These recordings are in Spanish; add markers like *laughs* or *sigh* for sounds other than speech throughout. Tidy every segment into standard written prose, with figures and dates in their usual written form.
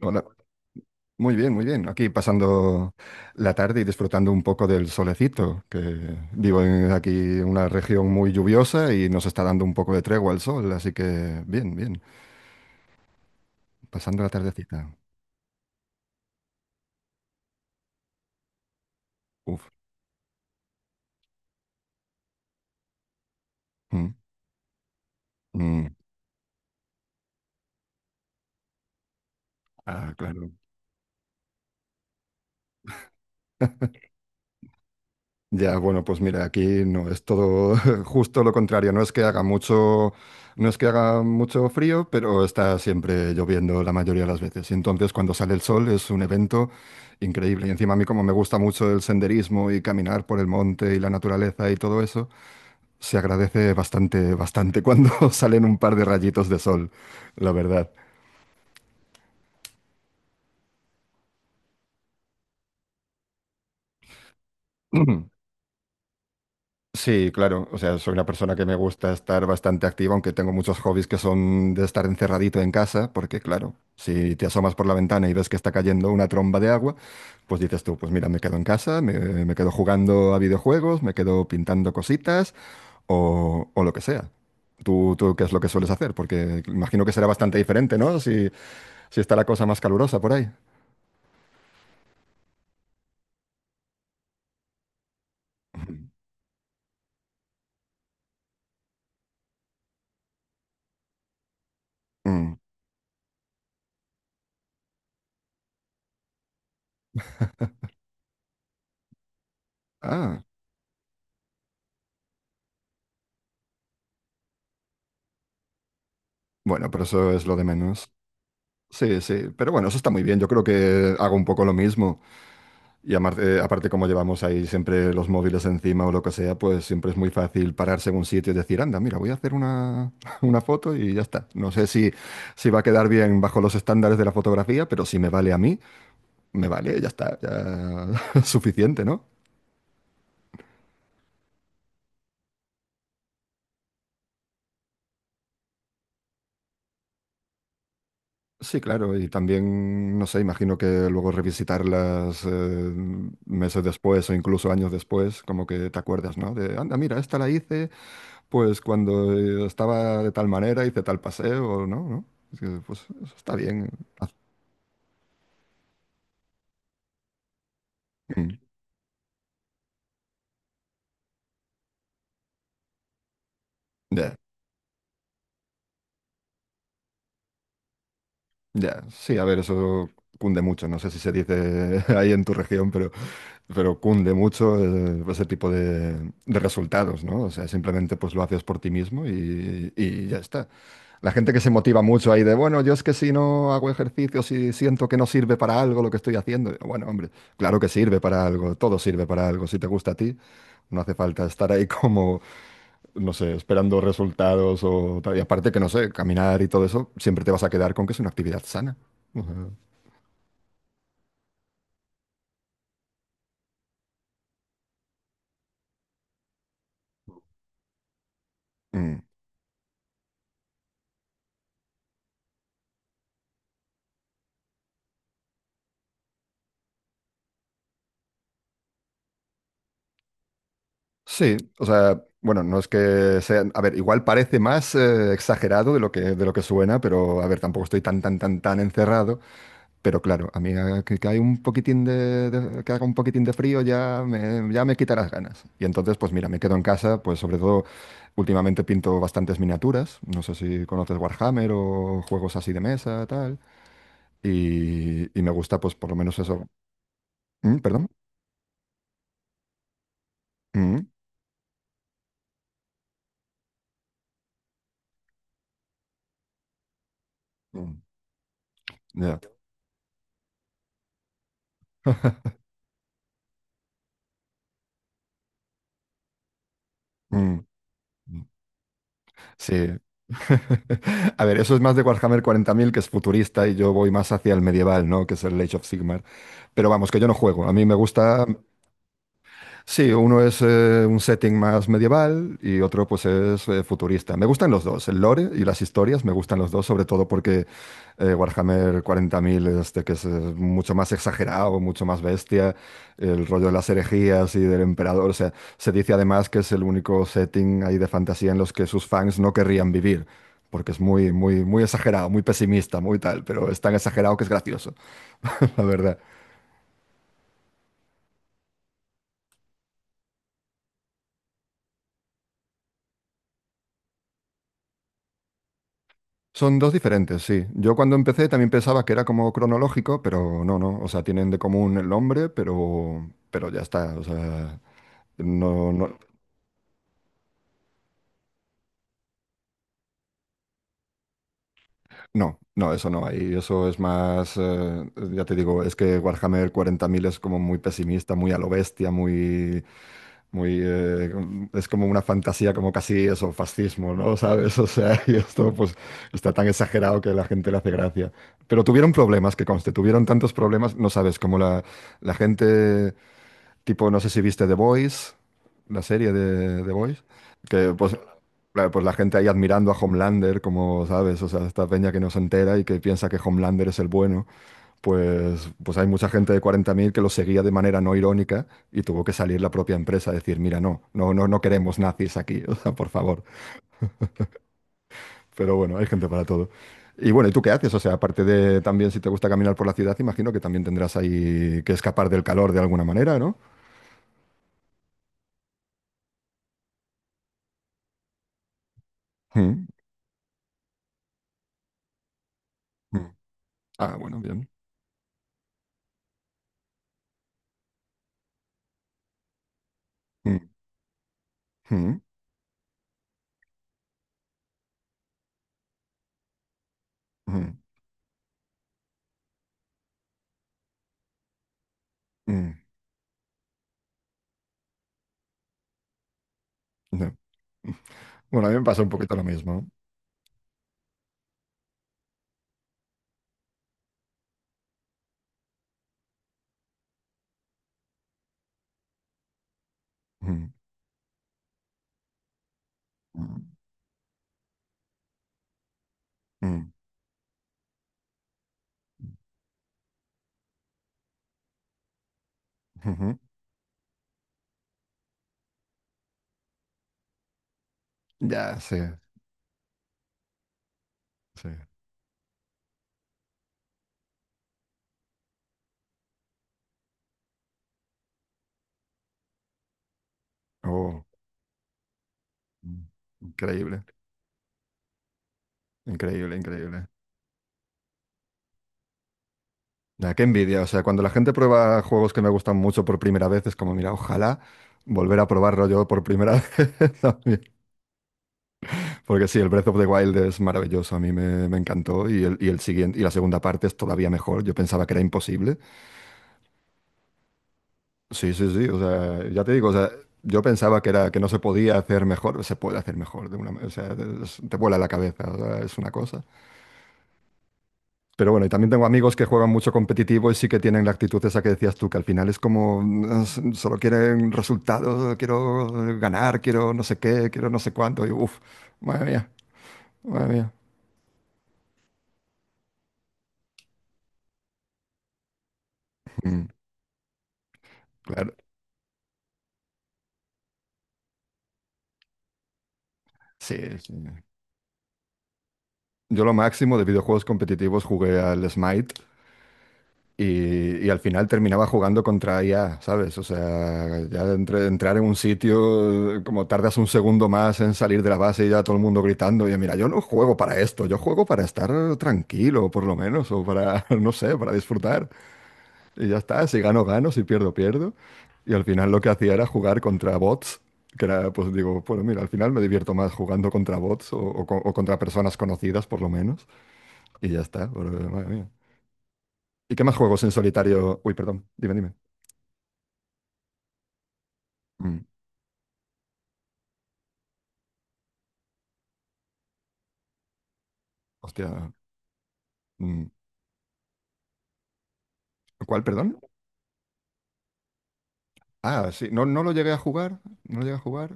Hola. Muy bien, muy bien. Aquí pasando la tarde y disfrutando un poco del solecito, que vivo en aquí en una región muy lluviosa y nos está dando un poco de tregua el sol, así que bien, bien. Pasando la tardecita. Uf. Mm, mm. Ah, claro. Ya, bueno, pues mira, aquí no es todo *laughs* justo lo contrario. No es que haga mucho, No es que haga mucho frío, pero está siempre lloviendo la mayoría de las veces. Y entonces cuando sale el sol es un evento increíble. Y encima a mí como me gusta mucho el senderismo y caminar por el monte y la naturaleza y todo eso, se agradece bastante, bastante cuando *laughs* salen un par de rayitos de sol, la verdad. *clears throat* Sí, claro. O sea, soy una persona que me gusta estar bastante activa, aunque tengo muchos hobbies que son de estar encerradito en casa, porque claro, si te asomas por la ventana y ves que está cayendo una tromba de agua, pues dices tú, pues mira, me quedo en casa, me quedo jugando a videojuegos, me quedo pintando cositas o lo que sea. ¿Tú qué es lo que sueles hacer? Porque imagino que será bastante diferente, ¿no? Si, si está la cosa más calurosa por ahí. Ujú. Mm. Ah, bueno, pero eso es lo de menos. Sí, sí, pero bueno, eso está muy bien. Yo creo que hago un poco lo mismo. Y aparte, como llevamos ahí siempre los móviles encima o lo que sea, pues siempre es muy fácil pararse en un sitio y decir, anda, mira, voy a hacer una, *laughs* una foto y ya está. No sé si va a quedar bien bajo los estándares de la fotografía, pero si me vale a mí, me vale, ya está, ya *laughs* es suficiente, ¿no? Sí, claro, y también, no sé, imagino que luego revisitarlas meses después o incluso años después, como que te acuerdas, ¿no? De, anda, mira, esta la hice. Pues cuando estaba de tal manera hice tal paseo, ¿no? ¿No? Es que, pues eso está bien. Ah, mm. Ya, ya, sí, a ver, eso cunde mucho. No sé si se dice *laughs* ahí en tu región, pero, cunde mucho ese tipo de resultados, ¿no? O sea, simplemente pues lo haces por ti mismo y ya está. La gente que se motiva mucho ahí de, bueno, yo es que si no hago ejercicio, si siento que no sirve para algo lo que estoy haciendo. Bueno, hombre, claro que sirve para algo, todo sirve para algo. Si te gusta a ti, no hace falta estar ahí *laughs* como, no sé, esperando resultados o tal. Y aparte que, no sé, caminar y todo eso, siempre te vas a quedar con que es una actividad sana. O sea, mm. Sí, o sea, bueno, no es que sea, a ver, igual parece más exagerado de lo que, suena, pero a ver, tampoco estoy tan, tan, tan, tan encerrado. Pero claro, a mí que hay un poquitín que haga un poquitín de frío ya me quita las ganas. Y entonces, pues mira, me quedo en casa, pues sobre todo últimamente pinto bastantes miniaturas. No sé si conoces Warhammer o juegos así de mesa, tal. Y me gusta, pues, por lo menos eso. Mm, ¿perdón? Mm, mm, ya. *laughs* Mm, mm. Sí. *laughs* A ver, eso es más de Warhammer 40.000, que es futurista, y yo voy más hacia el medieval, ¿no? Que es el Age of Sigmar. Pero vamos, que yo no juego. A mí me gusta. Sí, uno es un setting más medieval y otro pues es futurista. Me gustan los dos, el lore y las historias, me gustan los dos, sobre todo porque Warhammer 40.000, este, que es mucho más exagerado, mucho más bestia, el rollo de las herejías y del emperador, o sea, se dice además que es el único setting ahí de fantasía en los que sus fans no querrían vivir, porque es muy, muy, muy exagerado, muy pesimista, muy tal, pero es tan exagerado que es gracioso, *laughs* la verdad. Son dos diferentes, sí. Yo cuando empecé también pensaba que era como cronológico, pero no, no. O sea, tienen de común el nombre, pero, ya está. O sea, no, no, no, no, eso no hay. Eso es más, ya te digo, es que Warhammer 40.000 es como muy pesimista, muy a lo bestia, muy muy, es como una fantasía, como casi eso, fascismo, ¿no? *laughs* ¿Sabes? O sea, *laughs* y esto pues está tan exagerado que la gente le hace gracia. Pero tuvieron problemas, que conste, tuvieron tantos problemas, no sabes, como la gente, tipo, no sé si viste The Boys, la serie de The Boys, que pues, pues la gente ahí admirando a Homelander, como, ¿sabes? O sea, esta peña que no se entera y que piensa que Homelander es el bueno pues, pues hay mucha gente de 40.000 que lo seguía de manera no irónica y tuvo que salir la propia empresa a decir, mira, no, no, no, no queremos nazis aquí, *laughs* o sea, por favor. Pero bueno, hay gente para todo. Y bueno, ¿y tú qué haces? O sea, aparte de también si te gusta caminar por la ciudad, imagino que también tendrás ahí que escapar del calor de alguna manera, ¿no? Mm, mm. Ah, bueno, bien. Mm, mm, mm, mm, no. Bueno, a mí me pasa un poquito lo mismo. Mm, mm, mm, ujú. Ya, sí, sí. Oh, mm, increíble. Increíble, increíble. Ya, qué envidia. O sea, cuando la gente prueba juegos que me gustan mucho por primera vez, es como, mira, ojalá volver a probarlo yo por primera *laughs* vez también. Porque sí, el Breath of the Wild es maravilloso. A mí me encantó. Y el siguiente, y la segunda parte es todavía mejor. Yo pensaba que era imposible. Sí, sí, sí. O sea, ya te digo, o sea, yo pensaba que era, que no se podía hacer mejor. Se puede hacer mejor de una, o sea, te vuela la cabeza. O sea, es una cosa. Pero bueno, y también tengo amigos que juegan mucho competitivo y sí que tienen la actitud esa que decías tú, que al final es como: "Ah, solo quieren resultados, quiero ganar, quiero no sé qué, quiero no sé cuánto", y uff, madre mía, madre mía. Mm, claro, sí, sí. Yo lo máximo de videojuegos competitivos jugué al Smite. Y al final terminaba jugando contra IA, ¿sabes? O sea, ya de entrar en un sitio, como tardas un segundo más en salir de la base y ya todo el mundo gritando, y mira, yo no juego para esto, yo juego para estar tranquilo, por lo menos, o para, *laughs* no sé, para disfrutar. Y ya está, si gano, gano, si pierdo, pierdo. Y al final lo que hacía era jugar contra bots, que era, pues digo, bueno, mira, al final me divierto más jugando contra bots o contra personas conocidas, por lo menos. Y ya está, pero, madre mía. ¿Y qué más juegos en solitario? Uy, perdón, dime, dime. Mm, hostia. Mm, ¿cuál, perdón? Ah, sí, no, no lo llegué a jugar, no lo llegué a jugar.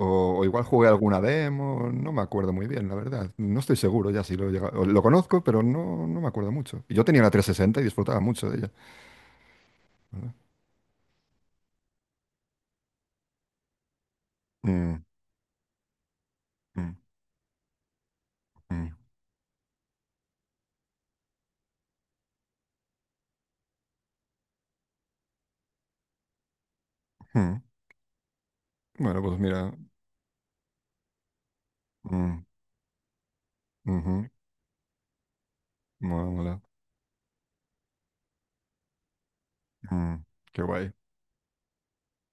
O igual jugué alguna demo, no me acuerdo muy bien, la verdad. No estoy seguro ya si lo he o lo conozco, pero no, no me acuerdo mucho. Y yo tenía la 360 y disfrutaba mucho de ella, ¿verdad? Mm, mm, mm, mm. Bueno, pues mira. Mm, ujú, mola, mola. Mm, qué guay.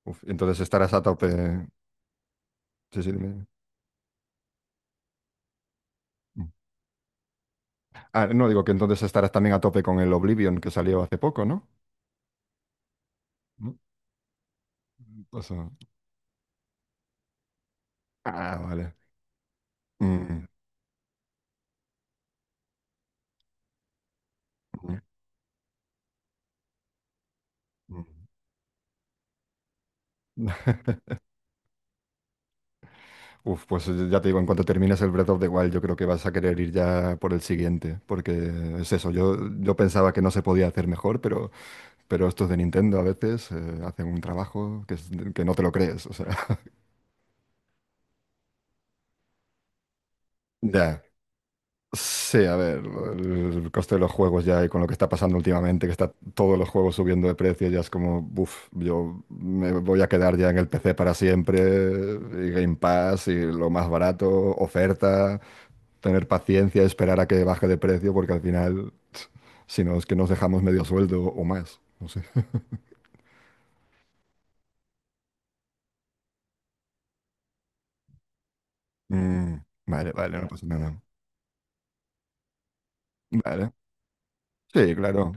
Uf, entonces estarás a tope. Sí, sí, dime. Mm. Ah, no, digo que entonces estarás también a tope con el Oblivion que salió hace poco, ¿no? ¿No? O sea, ah, vale. Mm, mm, mm. *laughs* Uf, pues ya te digo, en cuanto termines el Breath of the Wild, yo creo que vas a querer ir ya por el siguiente, porque es eso, yo pensaba que no se podía hacer mejor, pero, estos de Nintendo a veces hacen un trabajo que, que no te lo crees, o sea. *laughs* Ya. Sí, a ver, el coste de los juegos ya y con lo que está pasando últimamente, que está todos los juegos subiendo de precio, ya es como, buf, yo me voy a quedar ya en el PC para siempre, y Game Pass, y lo más barato, oferta, tener paciencia, esperar a que baje de precio, porque al final, *tsk* si no, es que nos dejamos medio sueldo o más, no sé. Mm, vale, vale, no pasa nada. Vale, sí, claro.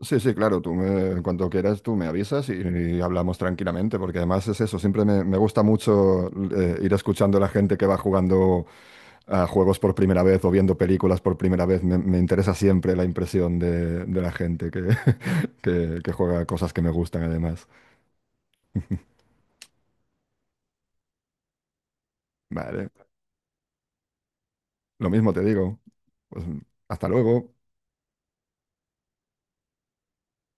Sí, sí, claro, en cuanto quieras tú me avisas y hablamos tranquilamente, porque además es eso, siempre me gusta mucho ir escuchando a la gente que va jugando a juegos por primera vez o viendo películas por primera vez, me interesa siempre la impresión de la gente que, *laughs* que juega a cosas que me gustan además. Vale, lo mismo te digo, pues hasta luego.